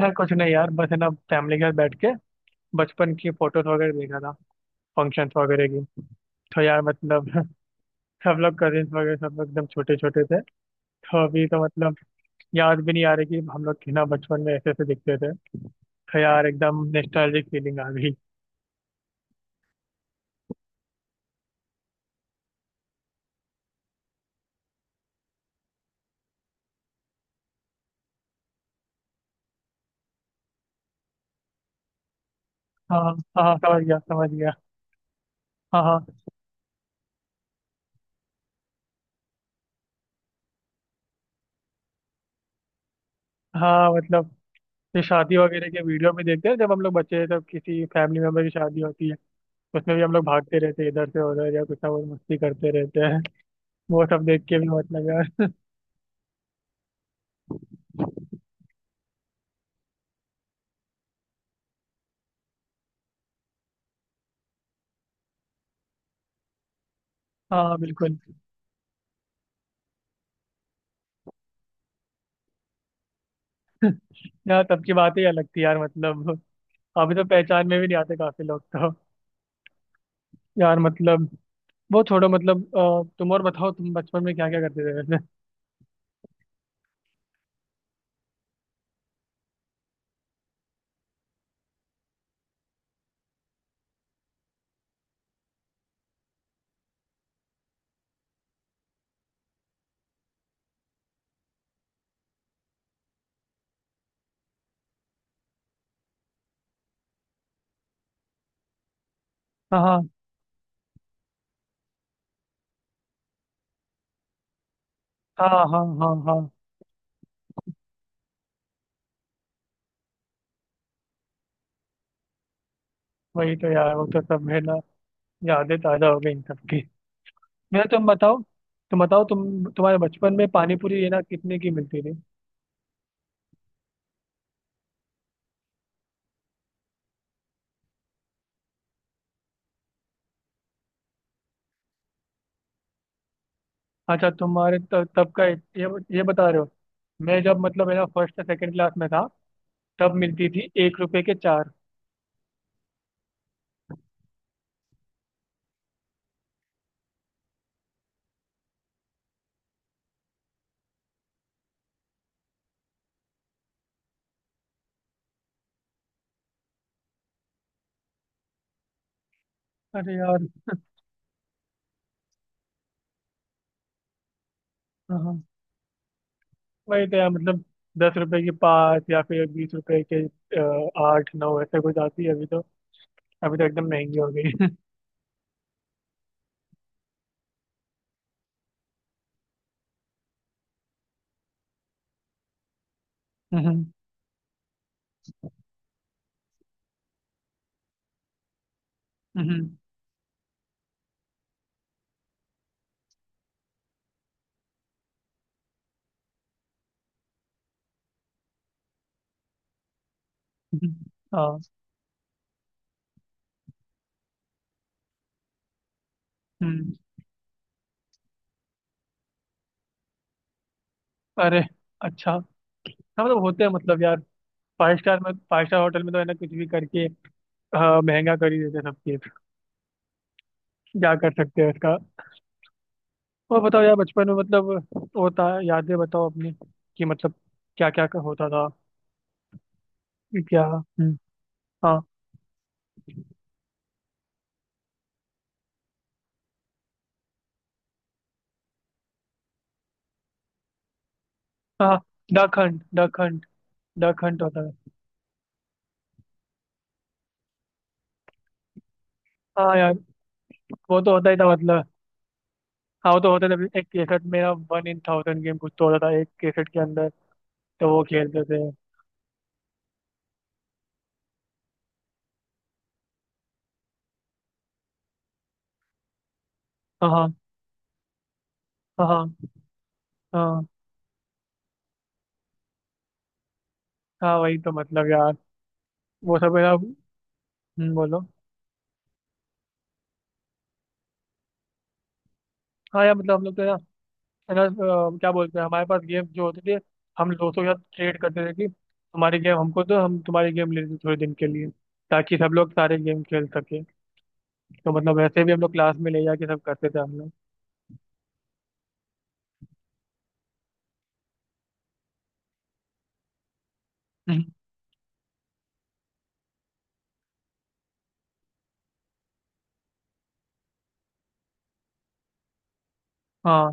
यार कुछ नहीं, यार बस है ना फैमिली के साथ बैठ के बचपन की फोटोज वगैरह देखा था। फंक्शंस वगैरह की। तो यार मतलब सब लोग कजिन्स वगैरह सब लोग एकदम छोटे छोटे थे। तो अभी तो मतलब याद भी नहीं आ रही कि हम लोग ना बचपन में ऐसे ऐसे दिखते थे। तो यार एकदम नॉस्टैल्जिक फीलिंग आ गई। हाँ हाँ, समझ गया समझ गया। हाँ हाँ हाँ, मतलब ये शादी वगैरह के वीडियो भी देखते हैं जब हम लोग बच्चे थे तब किसी फैमिली मेम्बर की शादी होती है। उसमें भी हम लोग भागते रहते हैं इधर से उधर या कुछ ना कुछ मस्ती करते रहते हैं। वो सब देख के भी मतलब यार। हाँ बिल्कुल। यार तब की बात ही अलग थी, यार मतलब। अभी तो पहचान में भी नहीं आते काफी लोग तो, यार मतलब। वो छोड़ो मतलब, तुम और बताओ, तुम बचपन में क्या क्या करते थे वैसे। हाँ हाँ हाँ हाँ। हाँ हाँ, वही तो यार। वो तो सब है ना, यादें ताजा हो गई इन सबकी। यार तुम बताओ, तुम बताओ, तुम्हारे बचपन में पानी पूरी ये ना कितने की मिलती थी? अच्छा, तब का ये बता रहे हो? मैं जब मतलब है ना फर्स्ट या सेकंड क्लास में था, तब मिलती थी एक रुपए के चार। अरे यार। हाँ हाँ। वही तो यार मतलब, दस रुपए की पाँच या फिर बीस रुपए के आठ नौ ऐसे कुछ आती है अभी तो। अभी तो एकदम महंगी हो गई। हम्म, हम्म, हम्म, हाँ, हम्म, अरे, अच्छा, हाँ मतलब होते हैं मतलब यार, फाइव स्टार में, फाइव स्टार होटल में तो है ना कुछ भी करके हाँ, महंगा कर ही देते हैं सब चीज। क्या कर सकते हैं इसका। और बताओ यार बचपन में, मतलब होता है, यादें बताओ अपनी, कि मतलब क्या क्या होता था? क्या, हाँ हाँ, duck hunt, duck hunt, duck hunt होता था। हाँ यार, वो तो होता ही था मतलब। हाँ, वो तो होता था, एक केसट मेरा वन इन थाउजेंड गेम कुछ तो होता था एक केसट के अंदर। तो वो खेलते थे। हाँ हाँ हाँ हाँ हाँ हाँ, वही तो मतलब यार, वो सब है ना। बोलो। हाँ यार, मतलब हम लोग तो है ना, है ना, क्या बोलते हैं, हमारे पास गेम जो होते थे, हम दोस्तों के साथ ट्रेड करते थे कि हमारी गेम हमको दो, हम तुम्हारी गेम ले लेते थोड़े दिन के लिए, ताकि सब लोग सारे गेम खेल सके। तो मतलब वैसे भी हम लोग क्लास में ले जाके सब करते थे हम लोग। हम्म, हाँ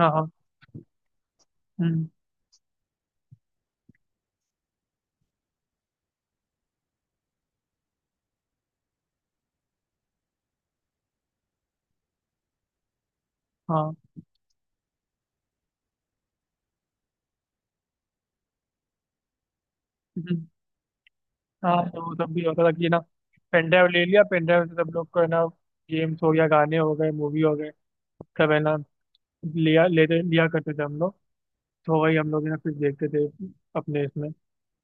हाँ हाँ, हम्म, हाँ, हम्म। हाँ तो वो सब भी होता था कि ना, पेन ड्राइव ले लिया, पेन ड्राइव से सब लोग को है ना, गेम्स हो गया, गाने हो गए, मूवी हो गए, सब है ना, लिया लेते लिया करते थे हम लोग। तो वही हम लोग है ना फिर देखते थे अपने इसमें।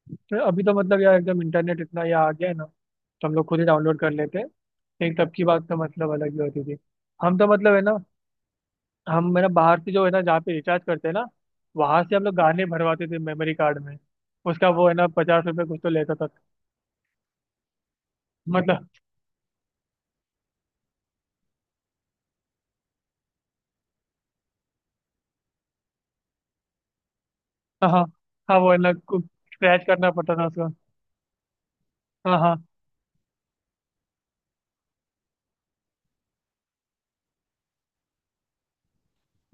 तो अभी तो मतलब यार एकदम इंटरनेट इतना ये आ गया है ना, तो हम लोग खुद ही डाउनलोड कर लेते हैं, लेकिन तब की बात तो मतलब अलग ही होती थी। हम तो मतलब है ना, हम है ना बाहर से जो है ना, जहाँ पे रिचार्ज करते हैं ना, वहां से हम लोग गाने भरवाते थे मेमोरी कार्ड में। उसका वो है ना पचास रुपये कुछ तो लेता था। मतलब, हाँ हाँ, हाँ, वो है ना स्क्रैच करना पड़ता था उसका। हाँ हाँ,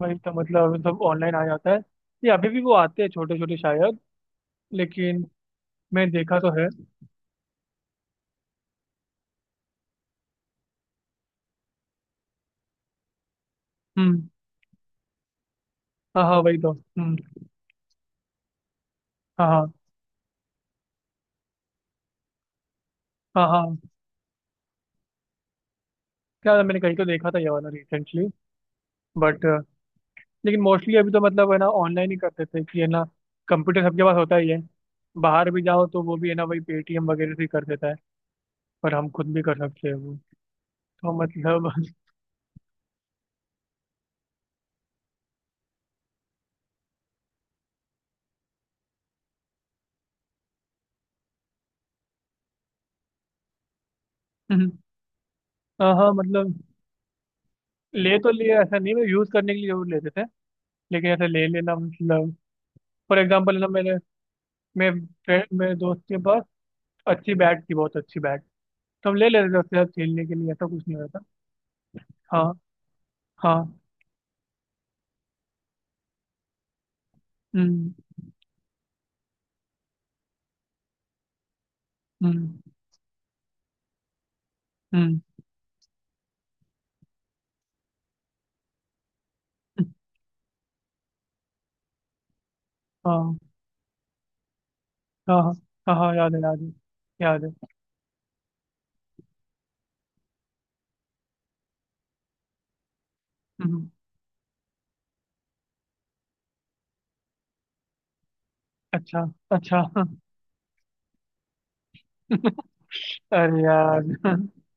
वही तो मतलब, सब ऑनलाइन आ जाता है। ये अभी भी वो आते हैं छोटे छोटे शायद, लेकिन मैं देखा तो है। हम्म, हाँ हाँ, वही तो, हम्म, हाँ हाँ हाँ हाँ। क्या था, मैंने कहीं तो देखा था ये वाला रिसेंटली। बट लेकिन मोस्टली अभी तो मतलब है ना ऑनलाइन ही करते थे, कि है ना कंप्यूटर सबके पास होता ही है। बाहर भी जाओ तो वो भी है ना वही पेटीएम वगैरह से ही कर देता है, पर हम खुद भी कर सकते हैं वो। तो मतलब, हाँ हाँ मतलब, ले तो लिए, ऐसा नहीं, मैं यूज करने के लिए जरूर लेते थे, लेकिन ऐसा ले लेना मतलब, फॉर एग्जाम्पल ना मेरे मेरे फ्रेंड, मेरे दोस्त के पास अच्छी बैट थी, बहुत अच्छी बैट, तो हम ले लेते थे उसके साथ खेलने के लिए, ऐसा कुछ नहीं होता था। हाँ हाँ। हम्म हम्म, हम्म, हाँ हाँ हाँ हाँ, हाँ, याद है याद है, याद है। हम्म, अच्छा, अच्छा। अरे यार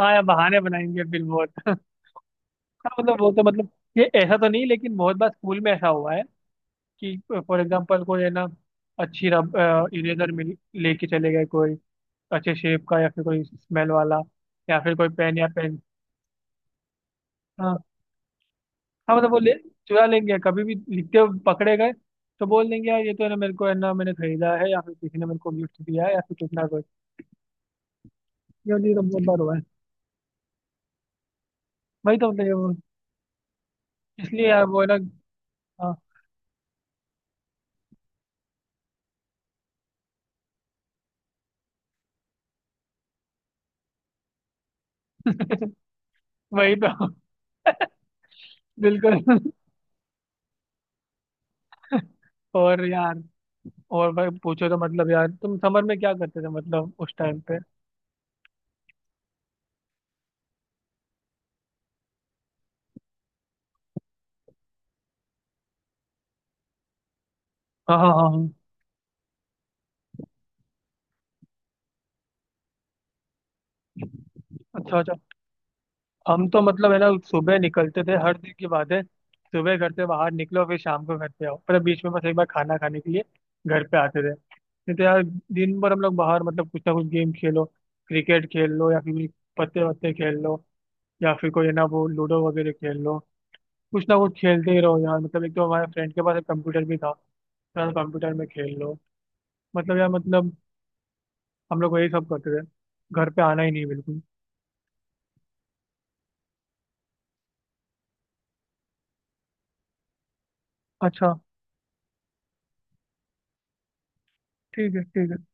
हाँ यार बहाने बनाएंगे फिर बहुत, हाँ मतलब, वो तो मतलब, ये ऐसा तो नहीं, लेकिन बहुत बार स्कूल में ऐसा हुआ है कि फॉर एग्जांपल कोई है ना, अच्छी रब, इरेजर मिल, लेके चले गए कोई, अच्छे शेप का या फिर कोई स्मेल वाला, या फिर कोई पेन या पेन। हाँ हाँ, मतलब वो ले चुरा लेंगे, कभी भी लिखते हुए पकड़े गए तो बोल देंगे यार ये तो है ना मेरे को है ना मैंने खरीदा है, या फिर किसी ने मेरे को गिफ्ट दिया है, या फिर कितना कोई, ये तो बहुत बार हुआ है। वही तो मतलब इसलिए यार वो है ना, हाँ वही तो। बिल्कुल। और यार, और भाई पूछो तो मतलब यार, तुम समर में क्या करते थे मतलब उस टाइम पे? हाँ हाँ हाँ हाँ। अच्छा अच्छा। हम तो मतलब है ना सुबह निकलते थे, हर दिन की बात है, सुबह घर से बाहर निकलो फिर शाम को घर पे आओ, पर बीच में बस एक बार खाना खाने के लिए घर पे आते थे, नहीं तो यार दिन भर हम लोग बाहर, मतलब कुछ ना कुछ गेम खेलो, क्रिकेट खेल लो, या फिर पत्ते वत्ते खेल लो, या फिर कोई है ना वो लूडो वगैरह खेल लो, कुछ ना कुछ खेलते ही रहो यार, मतलब एक तो हमारे फ्रेंड के पास एक कंप्यूटर भी था, तो यार कंप्यूटर में खेल लो, मतलब यार मतलब, हम लोग वही सब करते थे, घर पे आना ही नहीं बिल्कुल। अच्छा, ठीक है ठीक है।